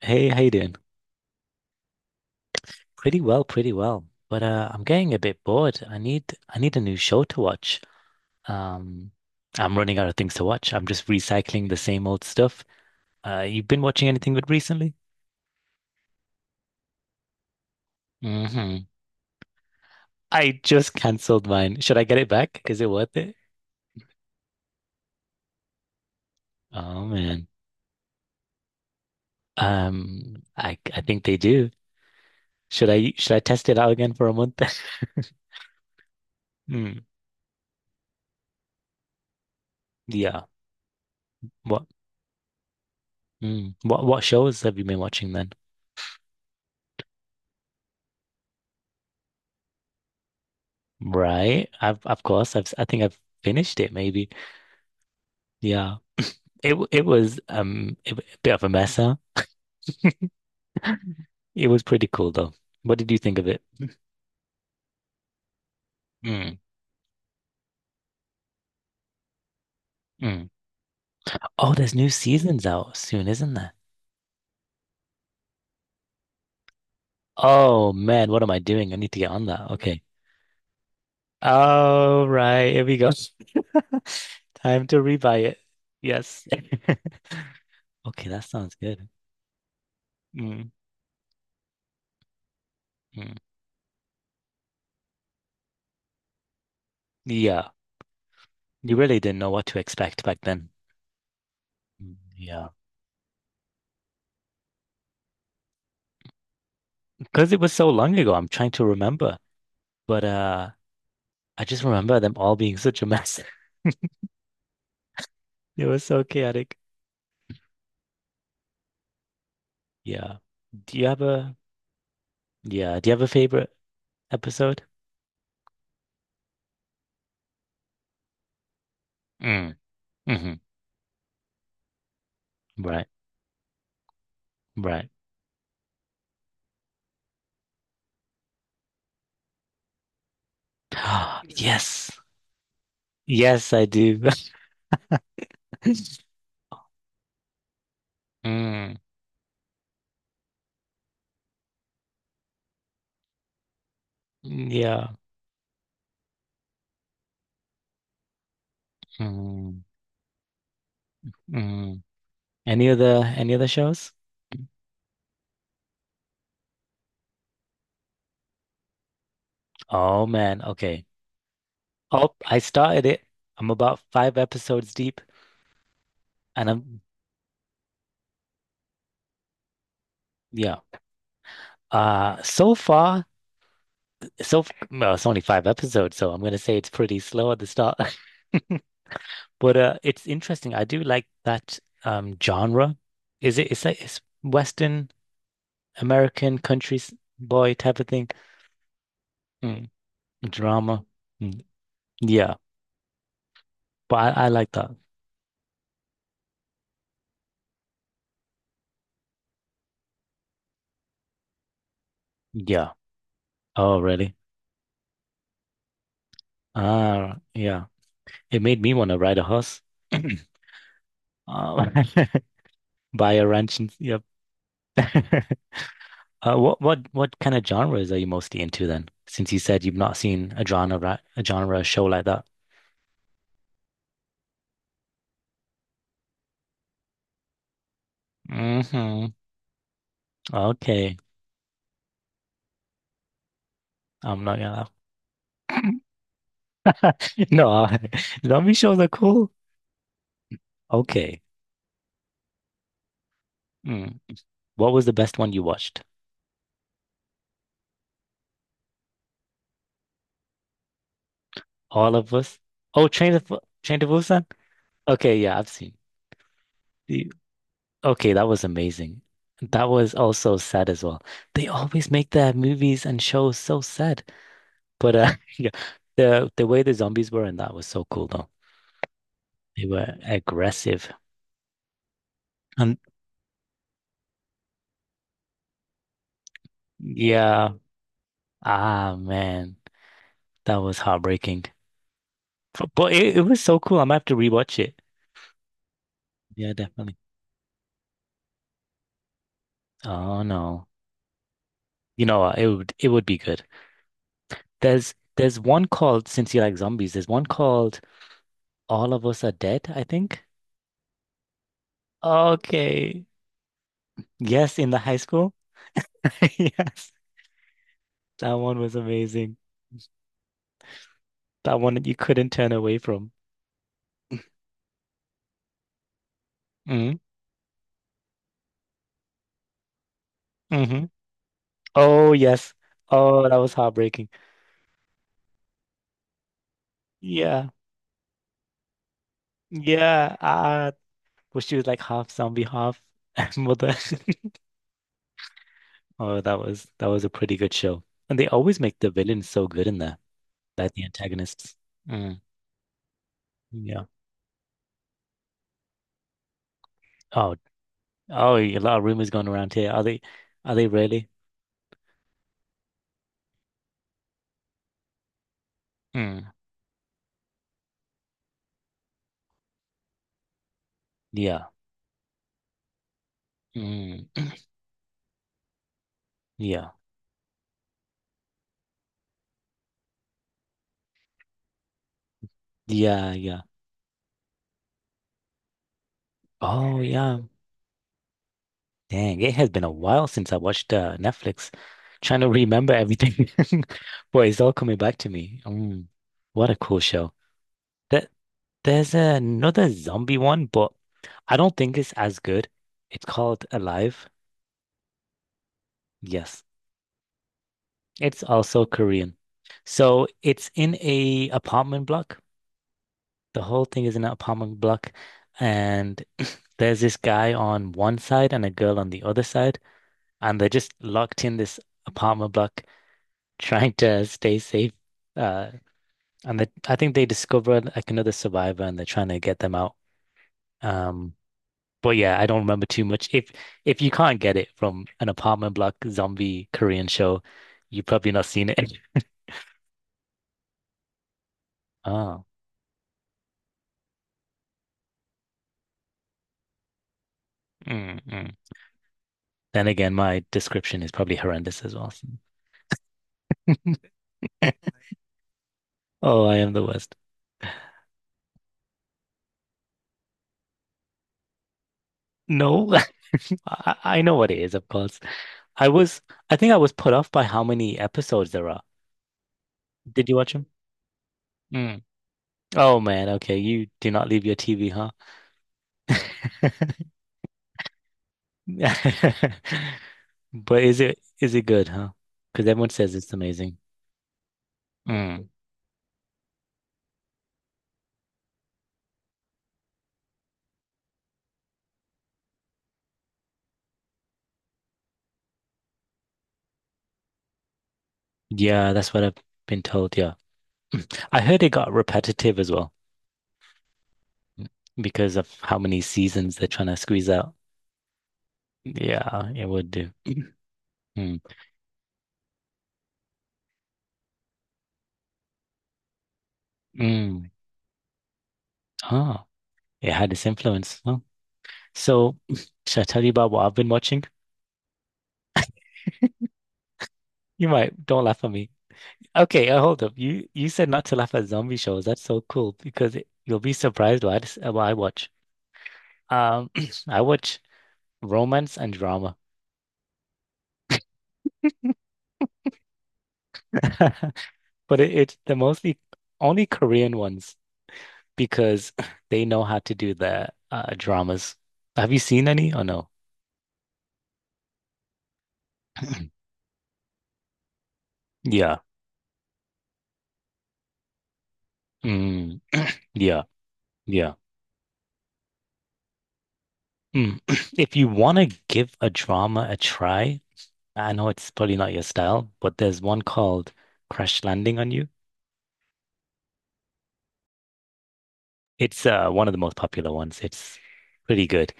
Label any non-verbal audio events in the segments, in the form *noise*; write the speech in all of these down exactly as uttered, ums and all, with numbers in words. Hey, how you doing? Pretty well, pretty well. But uh, I'm getting a bit bored. I need I need a new show to watch. Um, I'm running out of things to watch. I'm just recycling the same old stuff. Uh, you've been watching anything good recently? Hmm. I just canceled mine. Should I get it back? Is it worth it? Oh man. Um, I I think they do. Should I should I test it out again for a month? *laughs* Mm, yeah. What mm, what what shows have you been watching then? Right. I've of course I've I think I've finished it maybe. Yeah, it w- it was um it w- a bit of a mess, huh? It was pretty cool though. What did you think of it? Mm, mm. Oh, there's new seasons out soon, isn't there? Oh man, what am I doing? I need to get on that. Okay. All right, here we go. *laughs* Time to rebuy it. Yes. *laughs* Okay, that sounds good. Mm, mm. Yeah, you really didn't know what to expect back then. Mm, yeah, because it was so long ago. I'm trying to remember, but uh, I just remember them all being such a mess. It was so chaotic. Yeah. Do you have a yeah, do you have a favorite episode? Mm, hmm. Right, right. *gasps* Yes. Yes, I do. *laughs* Mm, yeah. Mm, mm. Any other any other shows? Oh man, okay. Oh, I started it. I'm about five episodes deep and I'm yeah. Uh so far so f- well, it's only five episodes, so I'm gonna say it's pretty slow at the start. *laughs* But uh, it's interesting. I do like that um, genre. Is it? It's like it's Western American country boy type of thing. Mm. Drama. Mm. Yeah, but I, I like that. Yeah. Oh, really? Ah, yeah. It made me want to ride a horse. *clears throat* Uh, *laughs* buy a ranch and yep. *laughs* Uh, what what what kind of genres are you mostly into then? Since you said you've not seen a genre a genre show like that. Hmm. Okay. I'm not gonna *laughs* no, I- *laughs* zombie shows are cool. Okay. Mm. What was the best one you watched? All of us? Oh, Train to, Train to Busan? Okay, yeah, I've seen. the- Okay, that was amazing. That was also sad as well. They always make their movies and shows so sad. But uh, *laughs* yeah, the the way the zombies were in that was so cool though. They were aggressive. And yeah, ah man, that was heartbreaking. But, but it, it was so cool. I'm gonna have to rewatch it. Yeah, definitely. Oh no. You know what? It would it would be good. There's there's one called since you like zombies, there's one called All of Us Are Dead, I think. Okay. Yes, in the high school. *laughs* Yes. That one was amazing. That one that you couldn't turn away from. Mm, hmm. Oh yes. Oh, that was heartbreaking. Yeah. Yeah. Ah, well, she was like half zombie, half *laughs* mother. *laughs* Oh, that was that was a pretty good show. And they always make the villains so good in there, like the antagonists. Mm, yeah. Oh, oh, a lot of rumors going around here. Are they, are they really? Mm, yeah. Mm, yeah. Yeah. Yeah. Oh, yeah. Dang, it has been a while since I watched uh, Netflix. Trying to remember everything, *laughs* boy, it's all coming back to me. Mm, what a cool show. That there's another zombie one, but I don't think it's as good. It's called Alive. Yes. It's also Korean. So it's in a apartment block. The whole thing is in an apartment block, and there's this guy on one side and a girl on the other side, and they're just locked in this apartment block trying to stay safe. Uh, and they, I think they discover like another survivor, and they're trying to get them out. Um, but yeah, I don't remember too much. If if you can't get it from an apartment block zombie Korean show, you've probably not seen it. *laughs* Oh. Mm, mm. Then again, my description is probably horrendous as well. *laughs* Oh, I am the worst. No, *laughs* I, I know what it is, of course. I was, I think I was put off by how many episodes there are. Did you watch them? Mm. Oh man, okay. You do not leave your T V, huh? *laughs* But is it is it good, huh? Because everyone says it's amazing. Mm. Yeah, that's what I've been told. Yeah, *clears throat* I heard it got repetitive as well because of how many seasons they're trying to squeeze out. Yeah, it would do. Mm, mm. Ah, it had its influence. Huh? So, *laughs* *sniffs* should I tell you about what I've been watching? You might don't laugh at me. Okay, uh, hold up. You you said not to laugh at zombie shows. That's so cool because it, you'll be surprised what I, dis- uh, what I watch. Um, *clears throat* I watch romance and drama, *laughs* but it, it's the mostly only Korean ones because *laughs* *clears throat* they know how to do the uh, dramas. Have you seen any or no? *clears throat* Yeah. Mm, yeah. Yeah. Hmm. *clears throat* If you want to give a drama a try, I know it's probably not your style, but there's one called Crash Landing on You. It's uh, one of the most popular ones. It's pretty good.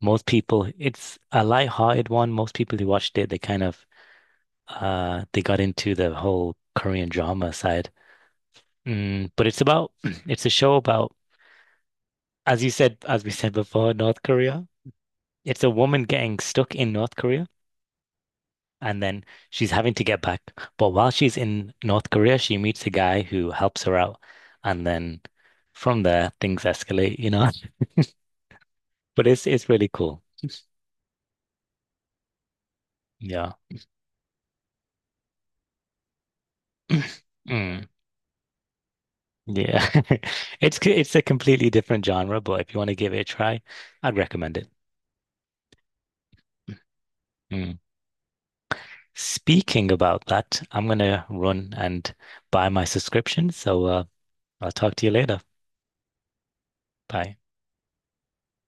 Most people, it's a light-hearted one. Most people who watched it, they kind of uh, they got into the whole Korean drama side. Mm, but it's about *clears throat* it's a show about, as you said, as we said before, North Korea. It's a woman getting stuck in North Korea and then she's having to get back. But while she's in North Korea, she meets a guy who helps her out, and then from there things escalate, you know. *laughs* But it's it's really cool. Yeah. *clears throat* Mm, yeah. *laughs* It's c- it's a completely different genre, but if you want to give it a try, I'd recommend it. Mm. Speaking about that, I'm gonna run and buy my subscription, so uh, I'll talk to you later. Bye.